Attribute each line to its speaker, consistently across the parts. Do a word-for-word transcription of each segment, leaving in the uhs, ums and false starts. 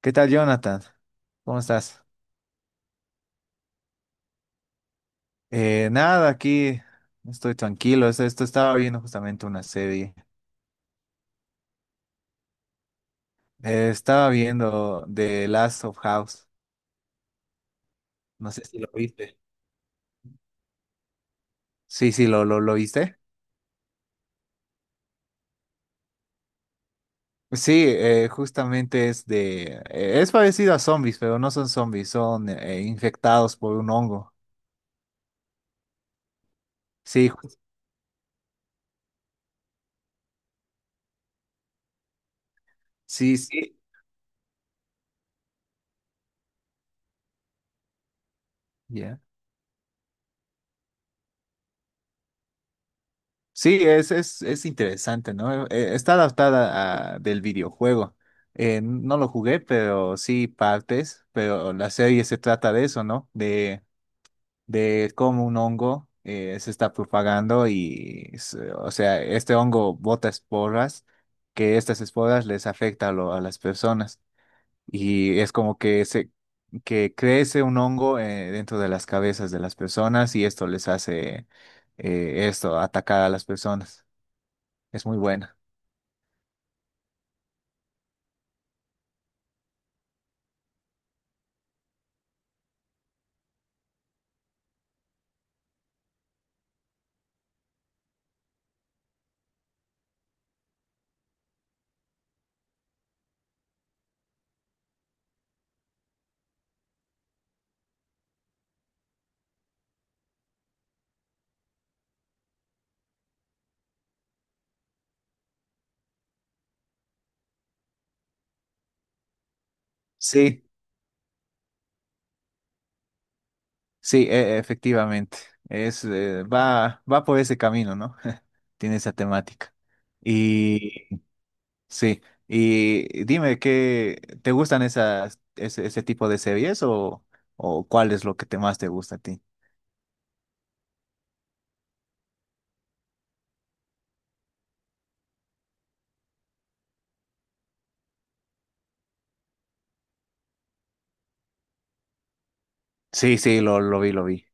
Speaker 1: ¿Qué tal, Jonathan? ¿Cómo estás? Eh, nada, aquí estoy tranquilo. Esto, esto estaba viendo justamente una serie. Eh, estaba viendo The Last of House. No sé si lo viste. Sí, sí, lo, lo, lo viste. Sí, eh, justamente es de... eh, es parecido a zombies, pero no son zombies, son eh, infectados por un hongo. Sí, ju- sí, sí. Ya. Sí, es, es, es interesante, ¿no? Eh, Está adaptada a- del videojuego. Eh, no lo jugué, pero sí partes, pero la serie se trata de eso, ¿no? De, de cómo un hongo eh, se está propagando y, se- o sea, este hongo bota esporas, que estas esporas les afecta a, lo- a las personas. Y es como que, se, que crece un hongo eh, dentro de las cabezas de las personas y esto les hace eh, esto, atacar a las personas. Es muy buena. Sí, sí, e- efectivamente. Es, eh, va, va por ese camino, ¿no? Tiene esa temática. Y sí, y dime, ¿qué te gustan esas, ese, ese tipo de series o, o cuál es lo que te más te gusta a ti? Sí, sí, lo, lo vi, lo vi.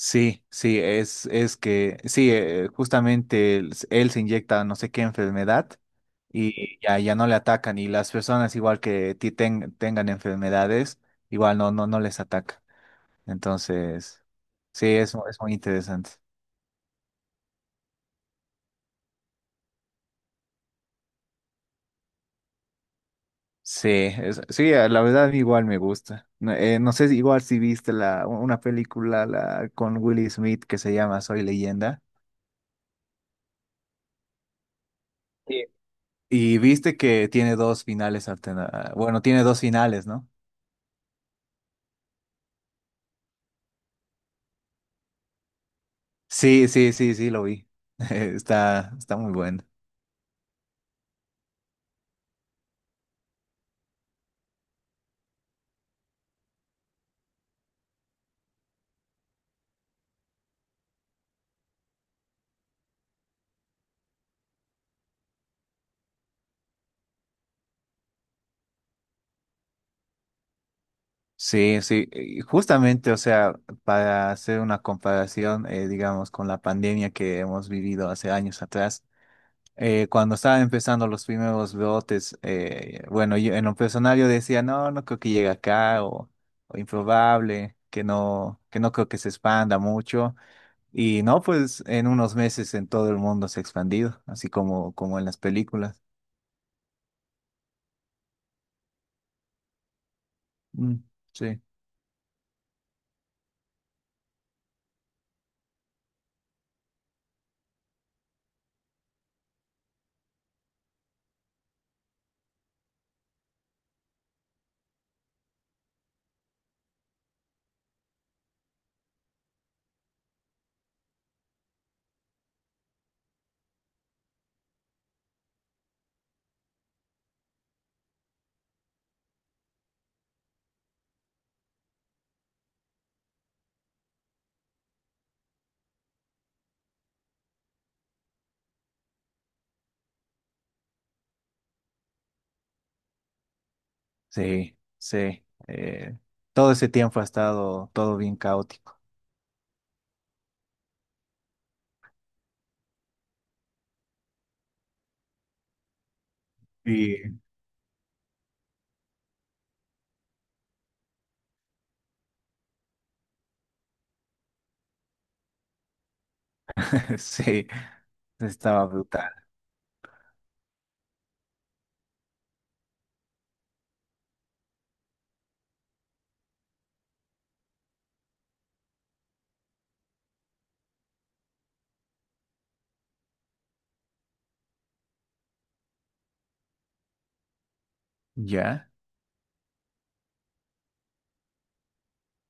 Speaker 1: Sí, sí, es, es que, sí, eh, justamente él, s- él se inyecta no sé qué enfermedad y ya, ya no le atacan y las personas igual que ti ten- tengan enfermedades, igual no, no, no les ataca. Entonces, sí, es, mu- es muy interesante. Sí, es- sí, eh, la verdad igual me gusta. No, eh, no sé si igual si viste la, una película la, con Will Smith que se llama Soy Leyenda. Sí. Y viste que tiene dos finales alterna- bueno, tiene dos finales, ¿no? Sí, sí, sí, sí, lo vi. Está, está muy bueno. Sí, sí, y justamente, o sea, para hacer una comparación, eh, digamos, con la pandemia que hemos vivido hace años atrás, eh, cuando estaban empezando los primeros brotes, eh, bueno, yo en lo personal yo decía, no, no creo que llegue acá, o, o improbable, que no, que no creo que se expanda mucho, y no, pues en unos meses en todo el mundo se ha expandido, así como, como en las películas. Mm, sí. Sí, sí. Eh, todo ese tiempo ha estado todo bien caótico. Y sí, estaba brutal. ¿Ya?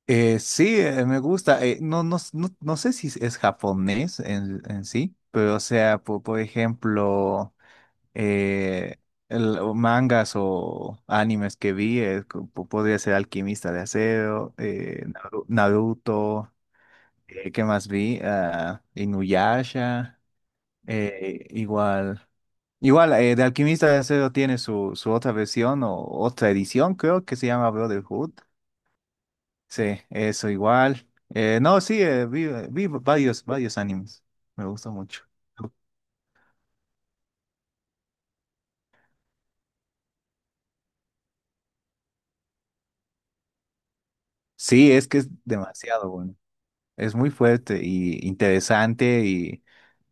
Speaker 1: Eh, sí, eh, me gusta. Eh, no, no, no, no sé si es japonés en, en sí, pero o sea, po- por ejemplo... eh, el- o mangas o animes que vi, eh, co- po- podría ser Alquimista de Acero, eh, Naru- Naruto, eh, ¿qué más vi? Ah, Inuyasha, eh, igual. Igual, eh, de Alquimista de Acero tiene su, su otra versión o otra edición, creo que se llama Brotherhood. Sí, eso igual. Eh, no, sí, eh, vi, vi varios, varios animes. Me gusta mucho. Sí, es que es demasiado bueno. Es muy fuerte y interesante y,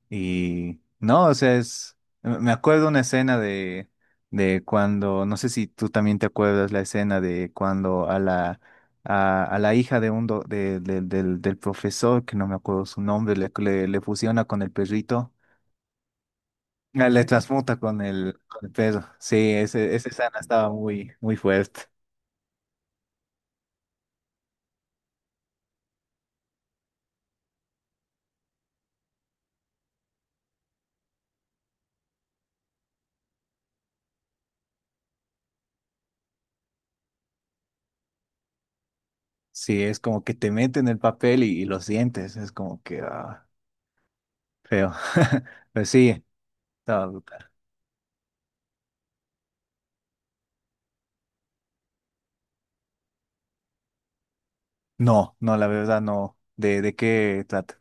Speaker 1: y no, o sea, es, me acuerdo una escena de, de cuando, no sé si tú también te acuerdas la escena de cuando a la, a, a la hija de un do- de- de- del, del profesor, que no me acuerdo su nombre, le, le, le fusiona con el perrito, ah, le transmuta con el, con el perro. Sí, ese, esa escena estaba muy, muy fuerte. Sí, es como que te meten el papel y, y lo sientes, es como que ah, feo. Pues sí. No, no, no, la verdad no. ¿De, de qué trata?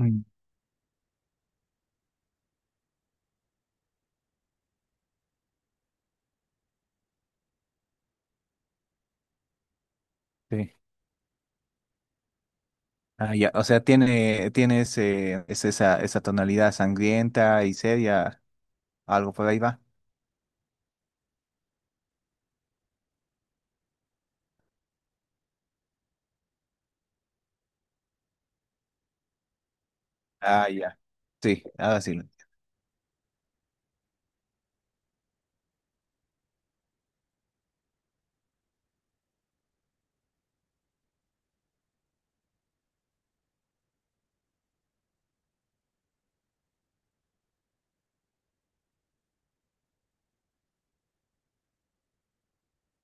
Speaker 1: Mm. Sí. Ah, ya. O sea, tiene, tiene ese, es esa, esa tonalidad sangrienta y seria, algo por ahí va. Ah, ya. Sí, ahora sí. lo-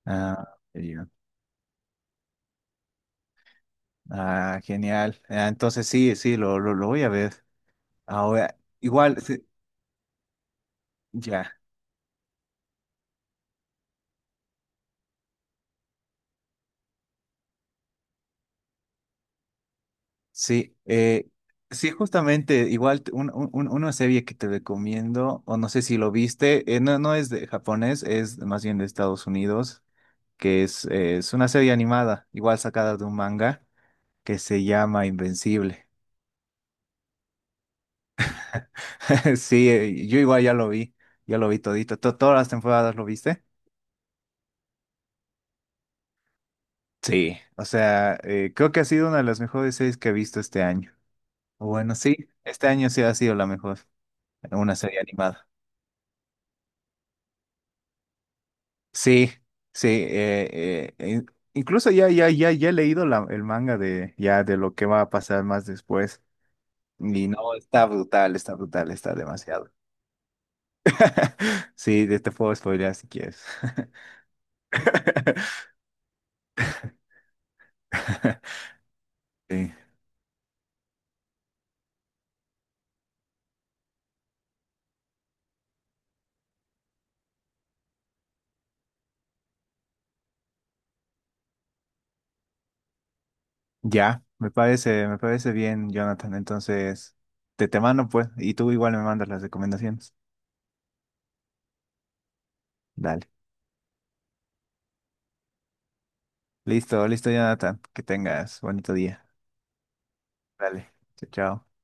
Speaker 1: Ah, ya. Ah, genial. Ah, entonces sí, sí, lo, lo, lo voy a ver. Ahora, igual, sí, ya. Sí, eh, sí, justamente, igual t- un- un- un- una serie que te recomiendo, o no sé si lo viste, eh, no, no es de japonés, es más bien de Estados Unidos, que es, eh, es una serie animada, igual sacada de un manga, que se llama Invencible. Sí, eh, yo igual ya lo vi, ya lo vi todito, to- todas las temporadas lo viste. Sí, o sea, eh, creo que ha sido una de las mejores series que he visto este año. Bueno, sí, este año sí ha sido la mejor, una serie animada. Sí, sí, eh, eh, in- incluso ya, ya, ya, ya he leído la- el manga de, ya, de lo que va a pasar más después. Y no, está brutal, está brutal, está demasiado. Sí, de- te puedo spoilear si quieres. Sí, ya, me parece, me parece bien, Jonathan. Entonces, te, te mando pues, y tú igual me mandas las recomendaciones. Dale. Listo, listo, Jonathan. Que tengas bonito día. Dale. Chao, chao.